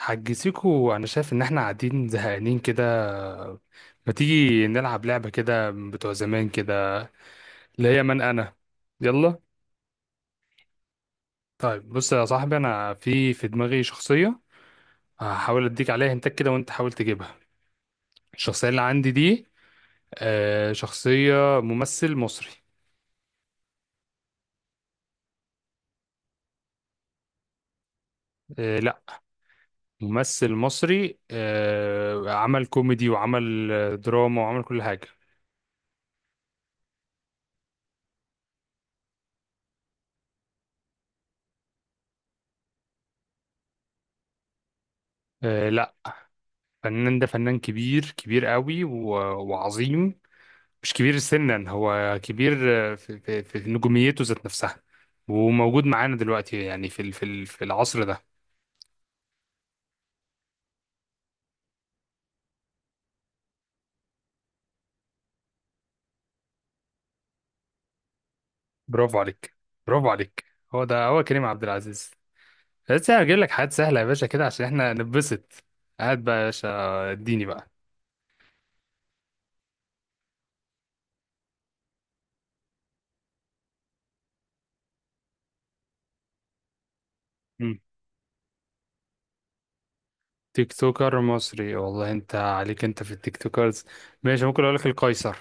حجزيكو انا شايف ان احنا قاعدين زهقانين كده. ما تيجي نلعب لعبة كده بتوع زمان كده؟ اللي هي من انا. يلا. طيب بص يا صاحبي، انا في دماغي شخصية، هحاول اديك عليها هنتك كده وانت حاول تجيبها الشخصية اللي عندي دي. شخصية ممثل مصري. لا، ممثل مصري، عمل كوميدي وعمل دراما وعمل كل حاجة. لا، فنان، ده فنان كبير كبير قوي وعظيم. مش كبير سنا، هو كبير في نجوميته ذات نفسها. وموجود معانا دلوقتي يعني في العصر ده. برافو عليك، برافو عليك، هو ده، هو كريم عبد العزيز. بس انا هجيب لك حاجات سهله يا باشا كده عشان احنا نتبسط. هات بقى يا باشا، اديني بقى. مم. تيك توكر مصري؟ والله انت عليك، انت في التيك توكرز. ماشي، ممكن اقول لك القيصر.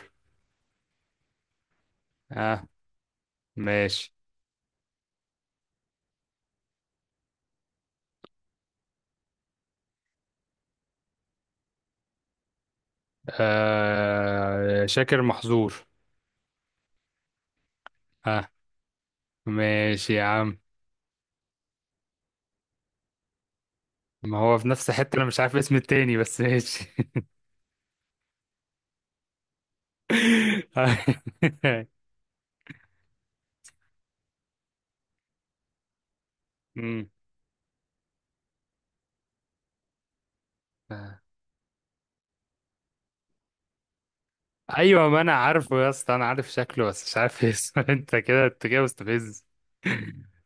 اه، ماشي. آه، شاكر محظور. اه، ماشي يا عم. ما هو في نفس الحتة، انا مش عارف اسم التاني بس ماشي. أمم. ايوه ما انا عارفه يا اسطى، انا عارف شكله بس مش عارف اسمه. انت كده مستفز.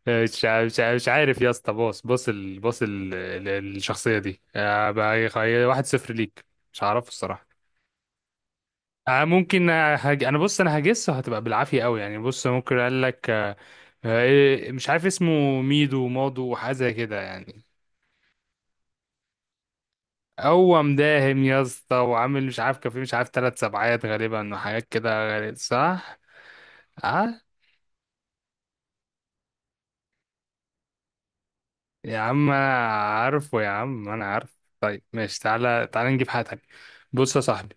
مش عارف يا اسطى. بص بص الشخصية دي، بقى واحد صفر ليك. مش هعرفه الصراحة. ممكن، انا بص انا هجسه هتبقى بالعافية قوي يعني. بص ممكن اقول لك آه، مش عارف اسمه، ميدو مادو وحاجة زي كده يعني. هو مداهم يا اسطى، وعامل مش عارف كان في، مش عارف، ثلاث سبعات غالبا وحاجات كده غريب صح؟ اه يا عم انا عارفه، يا عم انا عارف. طيب ماشي، تعالى نجيب حاجة تانية. بص يا صاحبي،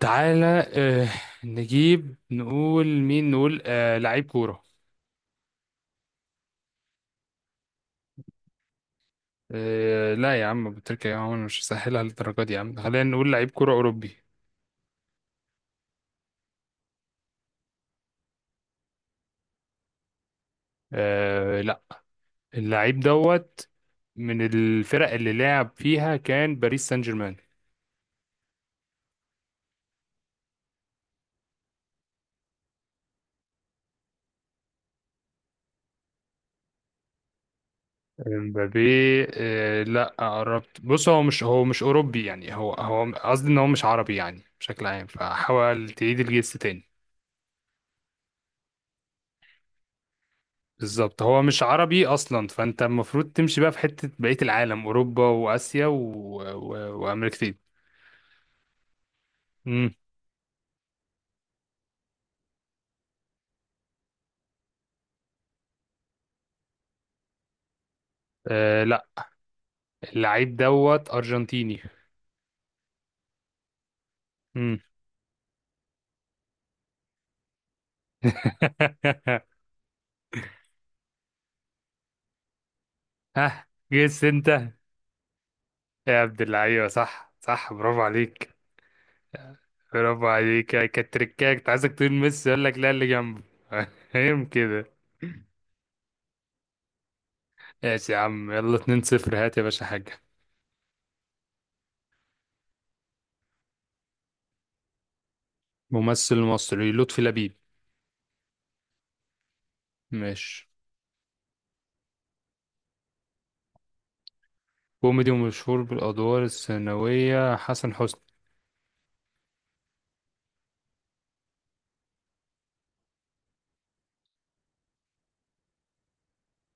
تعالى. آه، نجيب نقول مين؟ نقول آه، لعيب كورة. آه لا، يا عم أبو تريكة، يا عم أنا مش هسهلها للدرجة دي يا عم. خلينا نقول لعيب كورة أوروبي. آه لا، اللعيب دوت من الفرق اللي لعب فيها كان باريس سان جيرمان. امبابي؟ لا، قربت. بص هو مش اوروبي يعني، هو قصدي ان هو مش عربي يعني بشكل عام، فحاول تعيد الجس تاني. بالظبط، هو مش عربي اصلا، فانت المفروض تمشي بقى في حتة بقية العالم، اوروبا واسيا و... و... وامريكتين. امم. آه لا، اللعيب دوت ارجنتيني. امم. ها، جس انت. يا عبد اللعيبة، صح صح، برافو عليك، برافو عليك. يعني كانت تركاية، كنت عايزك تقول ميسي يقول لك لا اللي جنبه. فاهم كده؟ ماشي يا عم، يلا 2-0. هات يا باشا حاجة. ممثل مصري، لطفي لبيب؟ ماشي، كوميدي ومشهور بالأدوار الثانوية، حسن حسني.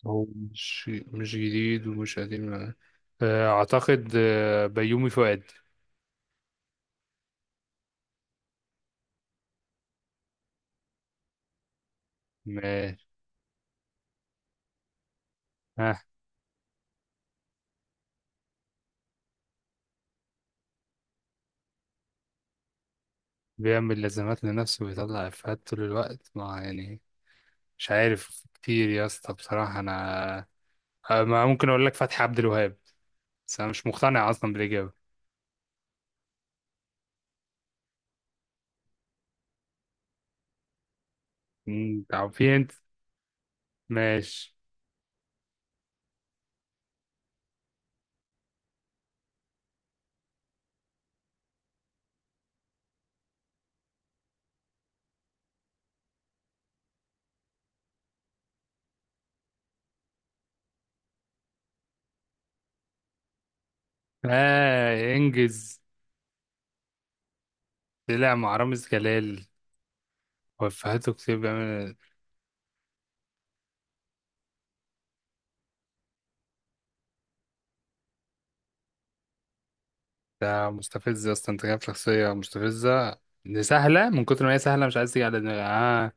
هو مش جديد ومش قديم، أعتقد بيومي فؤاد. ماشي، ها. بيعمل لازمات لنفسه ويطلع إفيهات طول الوقت، ما يعني مش عارف كتير يا اسطى بصراحة أنا. ما ممكن اقول لك فتحي عبد الوهاب، بس انا مش مقتنع اصلا بالاجابه. طب في انت. ماشي. اه، انجز. طلع مع رامز جلال وفهاته كتير بيعمل. ده مستفز اصلا، انت جايب شخصيه مستفزه، دي سهله من كتر ما هي سهله مش عايز تيجي على دماغي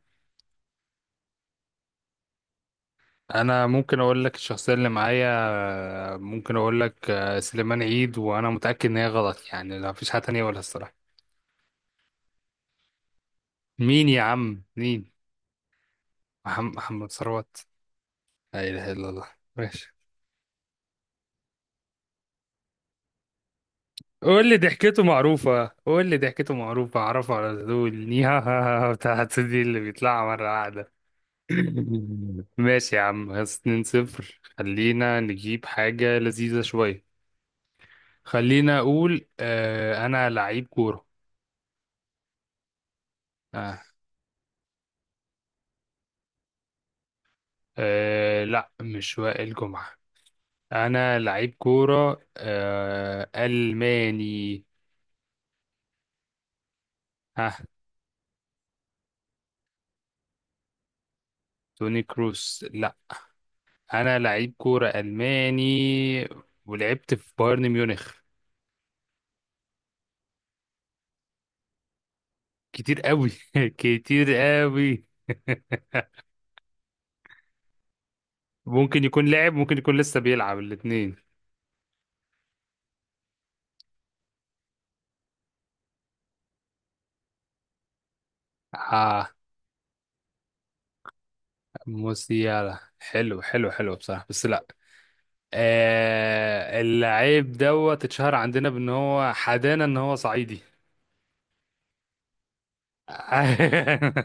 انا ممكن اقول لك الشخصيه اللي معايا. ممكن اقول لك سليمان عيد، وانا متاكد ان هي غلط يعني، لا مفيش حاجه تانية اقولها الصراحه. مين يا عم مين؟ محمد ثروت. لا اله الا الله. ماشي. قول لي ضحكته معروفة، قول لي ضحكته معروفة أعرفه على طول. نيها ها ها بتاعت دي اللي بيطلعها مرة واحدة. ماشي يا عم، بس 2 صفر. خلينا نجيب حاجة لذيذة شوية. خلينا أقول آه، أنا لعيب كورة. آه. آه لا، مش وائل جمعة. أنا لعيب كورة آه، ألماني. ها. توني كروس؟ لا. أنا لعيب كورة ألماني ولعبت في بايرن ميونخ. كتير قوي. كتير قوي. ممكن يكون لعب، ممكن يكون لسه بيلعب، الاثنين. اه. موسيالا؟ حلو حلو حلو بصراحة، بس لا. آه، اللعيب دوت اتشهر عندنا بان هو حدانا، ان هو صعيدي.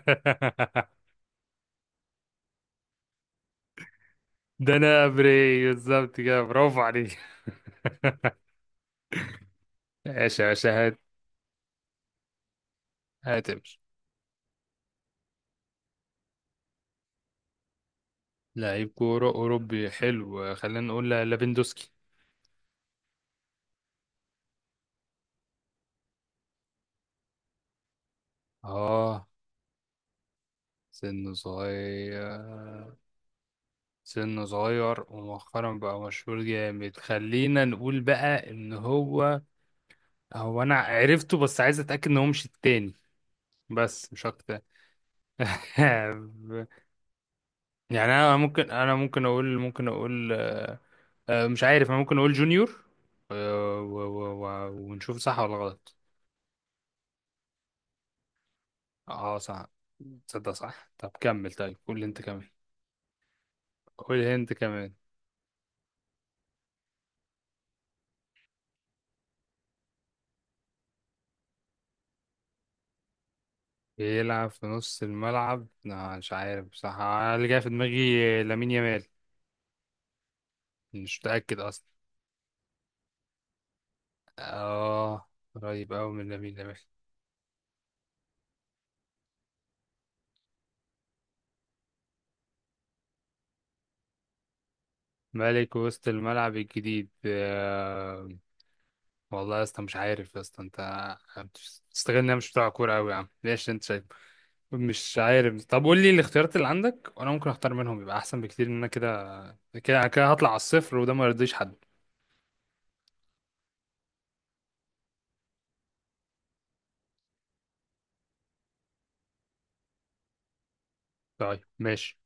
ده انا بري بالظبط كده، برافو عليك. ايش يا باشا، هات. هاتمش. لعيب كورة أوروبي، حلو. خلينا نقول ليفاندوسكي. اه، سنه صغير. سنه صغير ومؤخرا بقى مشهور جامد. خلينا نقول بقى ان هو، هو انا عرفته بس عايز اتاكد ان هو مش التاني بس مش اكتر. يعني انا ممكن اقول مش عارف. انا ممكن اقول جونيور، ونشوف صح ولا غلط. اه، صح. تصدق صح؟ طب كمل، طيب قول انت كمان. قول انت كمان. بيلعب في نص الملعب؟ لا مش عارف بصراحة أنا، اللي جاي في دماغي لامين يامال، مش متأكد أصلا. آه، قريب أوي من لامين يامال. ملك وسط الملعب الجديد؟ آه، والله يا اسطى مش عارف يا اسطى، أنت تستغل إن أنا مش بتاع كورة أوي يا عم، ليش أنت شايف؟ مش عارف. طب قول لي الاختيارات اللي عندك وأنا ممكن أختار منهم، يبقى أحسن بكتير، إن أنا كده كده هطلع على الصفر وده ما يرضيش حد. طيب ماشي.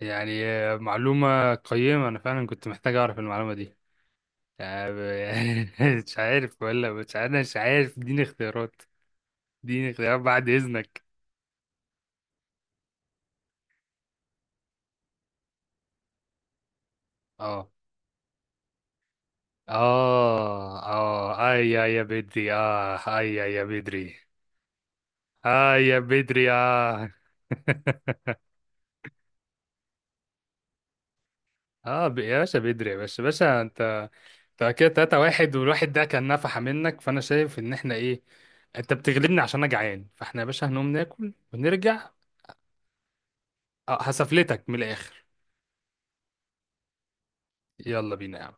يعني معلومة قيمة، أنا فعلا كنت محتاج أعرف المعلومة دي، آه، مش عارف ولا مش عارف، مش عارف، اديني اختيارات. اديني اختيارات بعد اذنك. اه، اه، اه، اي يا بدري، اه، اي يا بدري. اه يا بدري اه. اه، يا باشا بدري، يا باشا، باشا انت. انت كده تلاتة واحد والواحد ده كان نفحة منك، فانا شايف ان احنا ايه، انت بتغلبني عشان انا جعان، فاحنا يا باشا هنقوم ناكل ونرجع. هسفلتك من الاخر. يلا بينا يا عم.